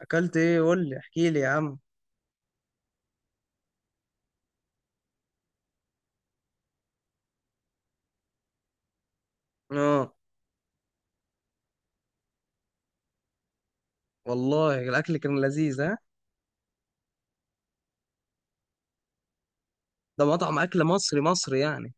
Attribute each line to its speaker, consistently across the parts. Speaker 1: اكلت ايه؟ قول لي، احكي لي يا عم. اه، والله الاكل كان لذيذ، ها؟ ده مطعم اكل مصري مصري يعني؟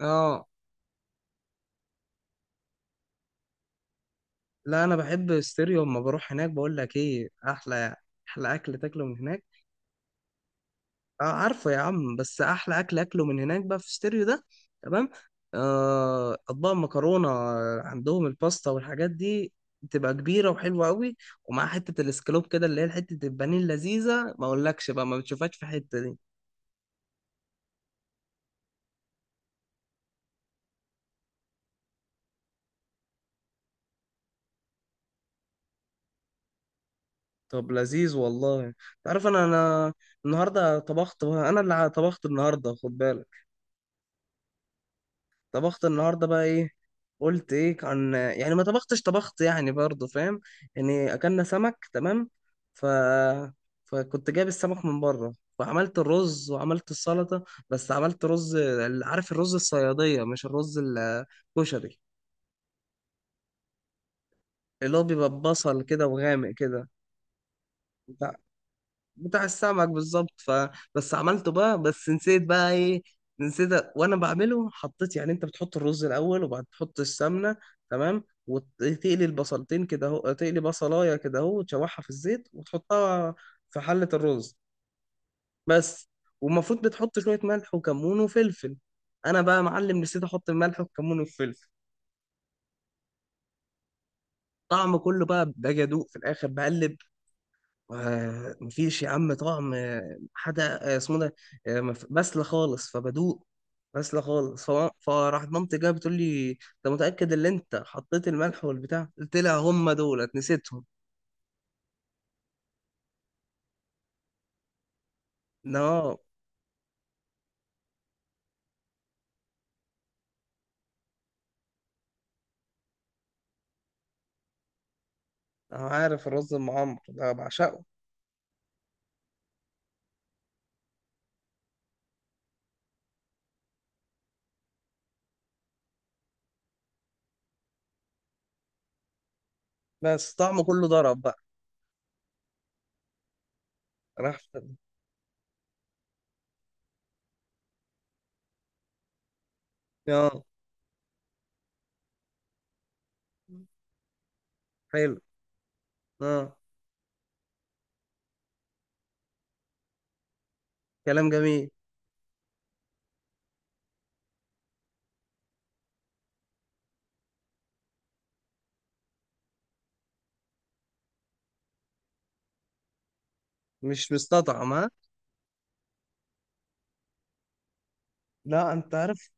Speaker 1: اه، لا انا بحب ستيريو، اما بروح هناك بقول لك ايه، احلى اكل تاكله من هناك. اه، عارفه يا عم، بس احلى اكل اكله من هناك بقى في ستيريو ده. تمام. اطباق مكرونه، عندهم الباستا والحاجات دي، بتبقى كبيره وحلوه قوي. ومع حته الاسكالوب كده، اللي هي حته البانيه اللذيذه، ما اقولكش بقى، ما بتشوفهاش في حته دي. طب لذيذ والله. تعرف، انا النهارده طبخت بقى، انا اللي طبخت النهارده، خد بالك. طبخت النهارده بقى ايه؟ قلت ايه عن يعني، ما طبختش، طبخت يعني برضه، فاهم؟ يعني اكلنا سمك، تمام. ف فكنت جايب السمك من بره، وعملت الرز وعملت السلطه. بس عملت رز عارف، الرز الصياديه مش الرز الكشري، اللي هو بيبقى ببصل كده وغامق كده، بتاع السمك بالظبط. بس عملته بقى، بس نسيت بقى ايه. نسيت وانا بعمله حطيت يعني، انت بتحط الرز الاول وبعد تحط السمنه، تمام، وتقلي البصلتين كده اهو، تقلي بصلايه كده اهو، وتشوحها في الزيت وتحطها في حله الرز، بس. والمفروض بتحط شويه ملح وكمون وفلفل. انا بقى يا معلم نسيت احط الملح والكمون والفلفل. طعم كله بقى، باجي ادوق في الاخر بقلب، مفيش يا عم طعم، حدا، اسمه ده، بسلة خالص، فبدوق. بسلة خالص. فراح مامتي جايه بتقول لي: انت متأكد ان انت حطيت الملح والبتاع؟ قلت لها: هم دولت نسيتهم. لا، انا عارف الرز المعمر ده بعشقه. بس طعمه كله ضرب بقى. راح اه، حلو. اه، كلام جميل. مش مستطعم، ها؟ لا، انت عارف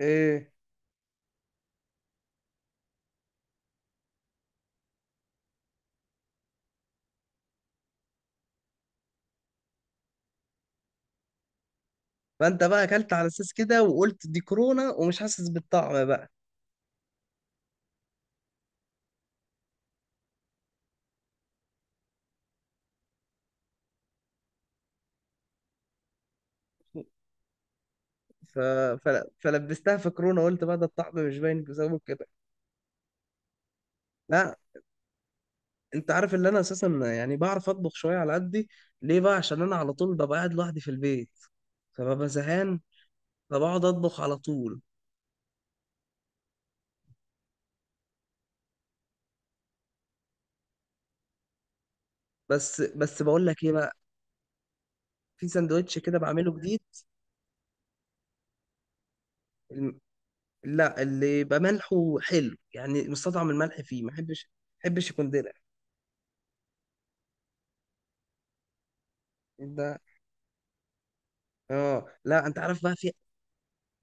Speaker 1: ايه، فانت بقى اكلت على اساس كده وقلت دي كورونا ومش حاسس بالطعم بقى. ف... فلبستها في كورونا، قلت بقى ده الطعم مش باين بسبب كده. لا، انت عارف ان انا اساسا يعني بعرف اطبخ شويه على قدي. ليه بقى؟ عشان انا على طول ببقى قاعد لوحدي في البيت، فببقى زهقان، فبقعد اطبخ على طول. بس بقول لك ايه بقى، في سندوتش كده بعمله جديد. الم- لا، اللي يبقى ملحه حلو يعني، مستطعم الملح فيه، ما احبش يكون دلع، ده. اه، لا انت عارف بقى، في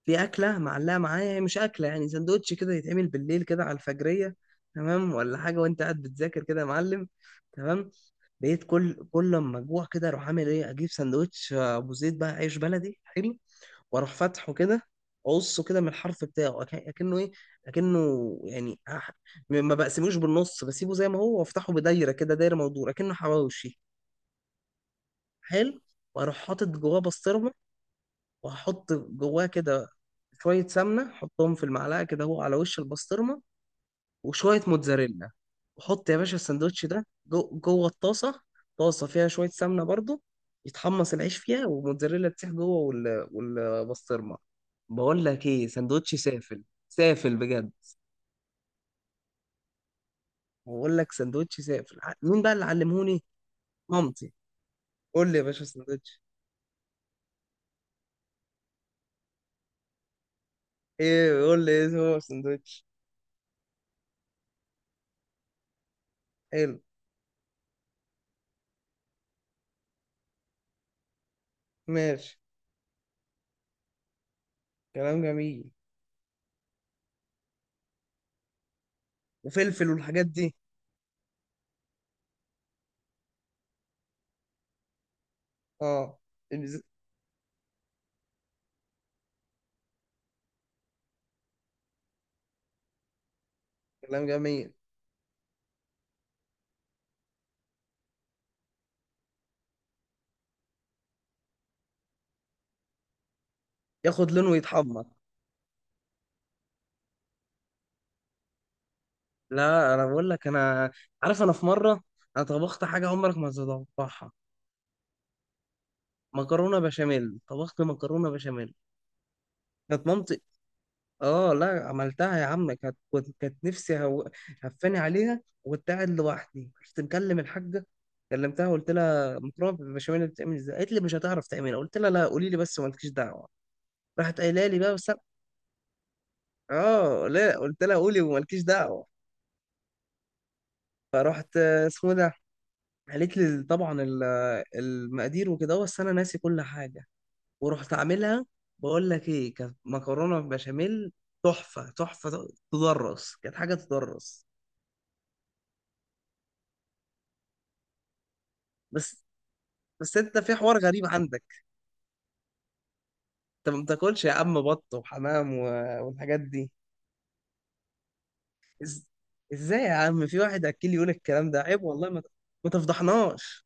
Speaker 1: في اكله معلقه معايا، هي مش اكله يعني، سندوتش كده يتعمل بالليل كده على الفجريه، تمام ولا حاجه، وانت قاعد بتذاكر كده يا معلم، تمام. بقيت كل لما اجوع كده اروح عامل ايه، اجيب سندوتش ابو زيت بقى، عيش بلدي حلو. واروح فاتحه كده، اقصه كده من الحرف بتاعه، اكنه ايه، اكنه يعني، ما بقسموش بالنص، بسيبه زي ما هو، وافتحه بدايره كده، دايره مدوره اكنه حواوشي. حلو. واروح حاطط جواه بسطرمه، وهحط جواه كده شوية سمنة، حطهم في المعلقة كده هو على وش البسطرمة، وشوية موتزاريلا. وحط يا باشا السندوتش ده جوه الطاسة، طاسة فيها شوية سمنة برضو، يتحمص العيش فيها والموتزاريلا تسيح جوه والبسطرمة. بقول لك ايه، سندوتش سافل، سافل بجد. بقول لك سندوتش سافل. مين بقى اللي علمهوني؟ مامتي. قول لي يا باشا سندوتش. ايه؟ قول لي ايه هو سندوتش. حلو. ماشي. كلام جميل. وفلفل والحاجات دي. اه، البزيت. كلام جميل. ياخد لون ويتحمر. لا، انا بقول لك، انا عارف، انا في مره انا طبخت حاجه عمرك ما هتتوقعها. مكرونه بشاميل، طبخت مكرونه بشاميل. كانت مامتي، اه لا، عملتها يا عم. كانت كانت نفسي هفاني عليها، وكنت قاعد لوحدي، كنت مكلم الحاجه، كلمتها وقلت لها: مكرونه بالبشاميل بتعمل ازاي؟ قالت لي: مش هتعرف تعملها. قلت لها: لا، قولي لي بس ومالكيش دعوه. راحت قايله لي بقى، اه لا قلت لها: قولي ومالكيش دعوه. فرحت، اسمه ده، قالت لي طبعا المقادير وكده، بس انا ناسي كل حاجه. ورحت عاملها. بقول لك ايه، كانت مكرونه بشاميل تحفه تحفه، تدرس، كانت حاجه تدرس. بس بس انت في حوار غريب عندك، انت ما بتاكلش يا عم بط وحمام والحاجات دي. إز... ازاي يا عم في واحد اكيل يقول الكلام ده؟ عيب والله. ما تفضحناش.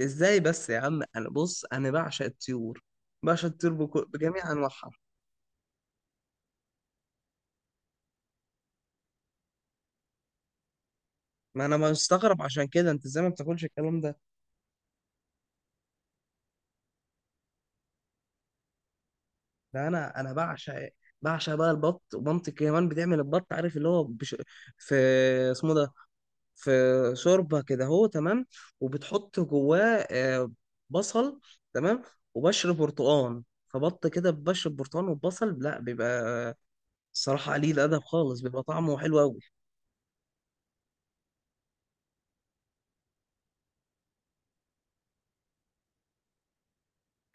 Speaker 1: ازاي بس يا عم؟ انا بص، انا بعشق الطيور، بعشق الطيور بجميع انواعها. ما انا مستغرب عشان كده، انت ازاي ما بتاكلش الكلام ده؟ ده انا بعشق بقى البط، ومامتي كمان بتعمل البط، عارف اللي هو في، اسمه ده، في شوربه كده هو، تمام. وبتحط جواه بصل، تمام، وبشر برتقان، فبط كده ببشر برتقان وبصل، لا بيبقى، الصراحه قليل الادب خالص، بيبقى طعمه حلو قوي.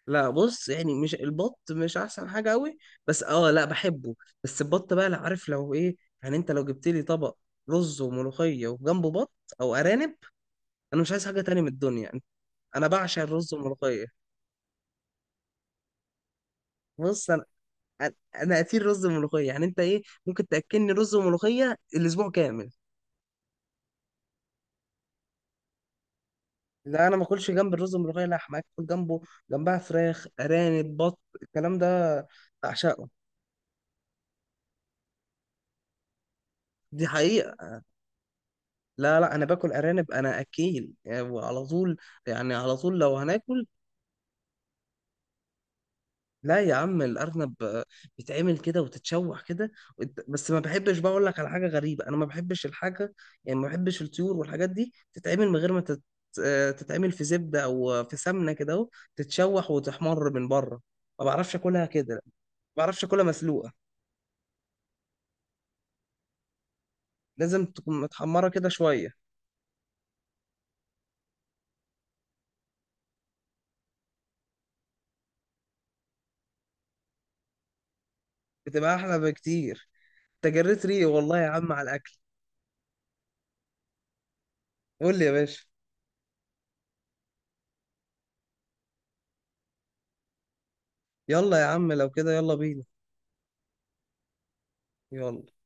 Speaker 1: لا بص يعني، مش البط مش احسن حاجه قوي، بس اه، لا بحبه. بس البط بقى، لا عارف لو ايه، يعني انت لو جبت لي طبق رز وملوخيه وجنبه بط او ارانب، انا مش عايز حاجه تانية من الدنيا. انا بعشق الرز والملوخيه. بص انا، أنا قتيل رز وملوخيه، يعني انت ايه، ممكن تاكلني رز وملوخيه الاسبوع كامل. لا، انا ما اكلش جنب الرز والملوخيه لحمه، اكل جنبه، جنبها فراخ، ارانب، بط، الكلام ده بعشقه، دي حقيقه. لا، لا، انا باكل ارانب، انا اكيل يعني، وعلى طول. يعني على طول لو هناكل. لا يا عم، الارنب بيتعمل كده وتتشوح كده بس ما بحبش بقى. اقول لك على حاجه غريبه، انا ما بحبش الحاجه، يعني ما بحبش الطيور والحاجات دي تتعمل من غير ما تتعمل في زبده او في سمنه كده اهو، تتشوح وتحمر من بره. ما بعرفش اكلها كده، ما بعرفش اكلها مسلوقه، لازم تكون متحمره كده شويه. بتبقى احلى بكتير. انت جريت ريقي والله يا عم على الاكل. قول لي يا باشا. يلا يا عم، لو كده يلا بينا. يلا.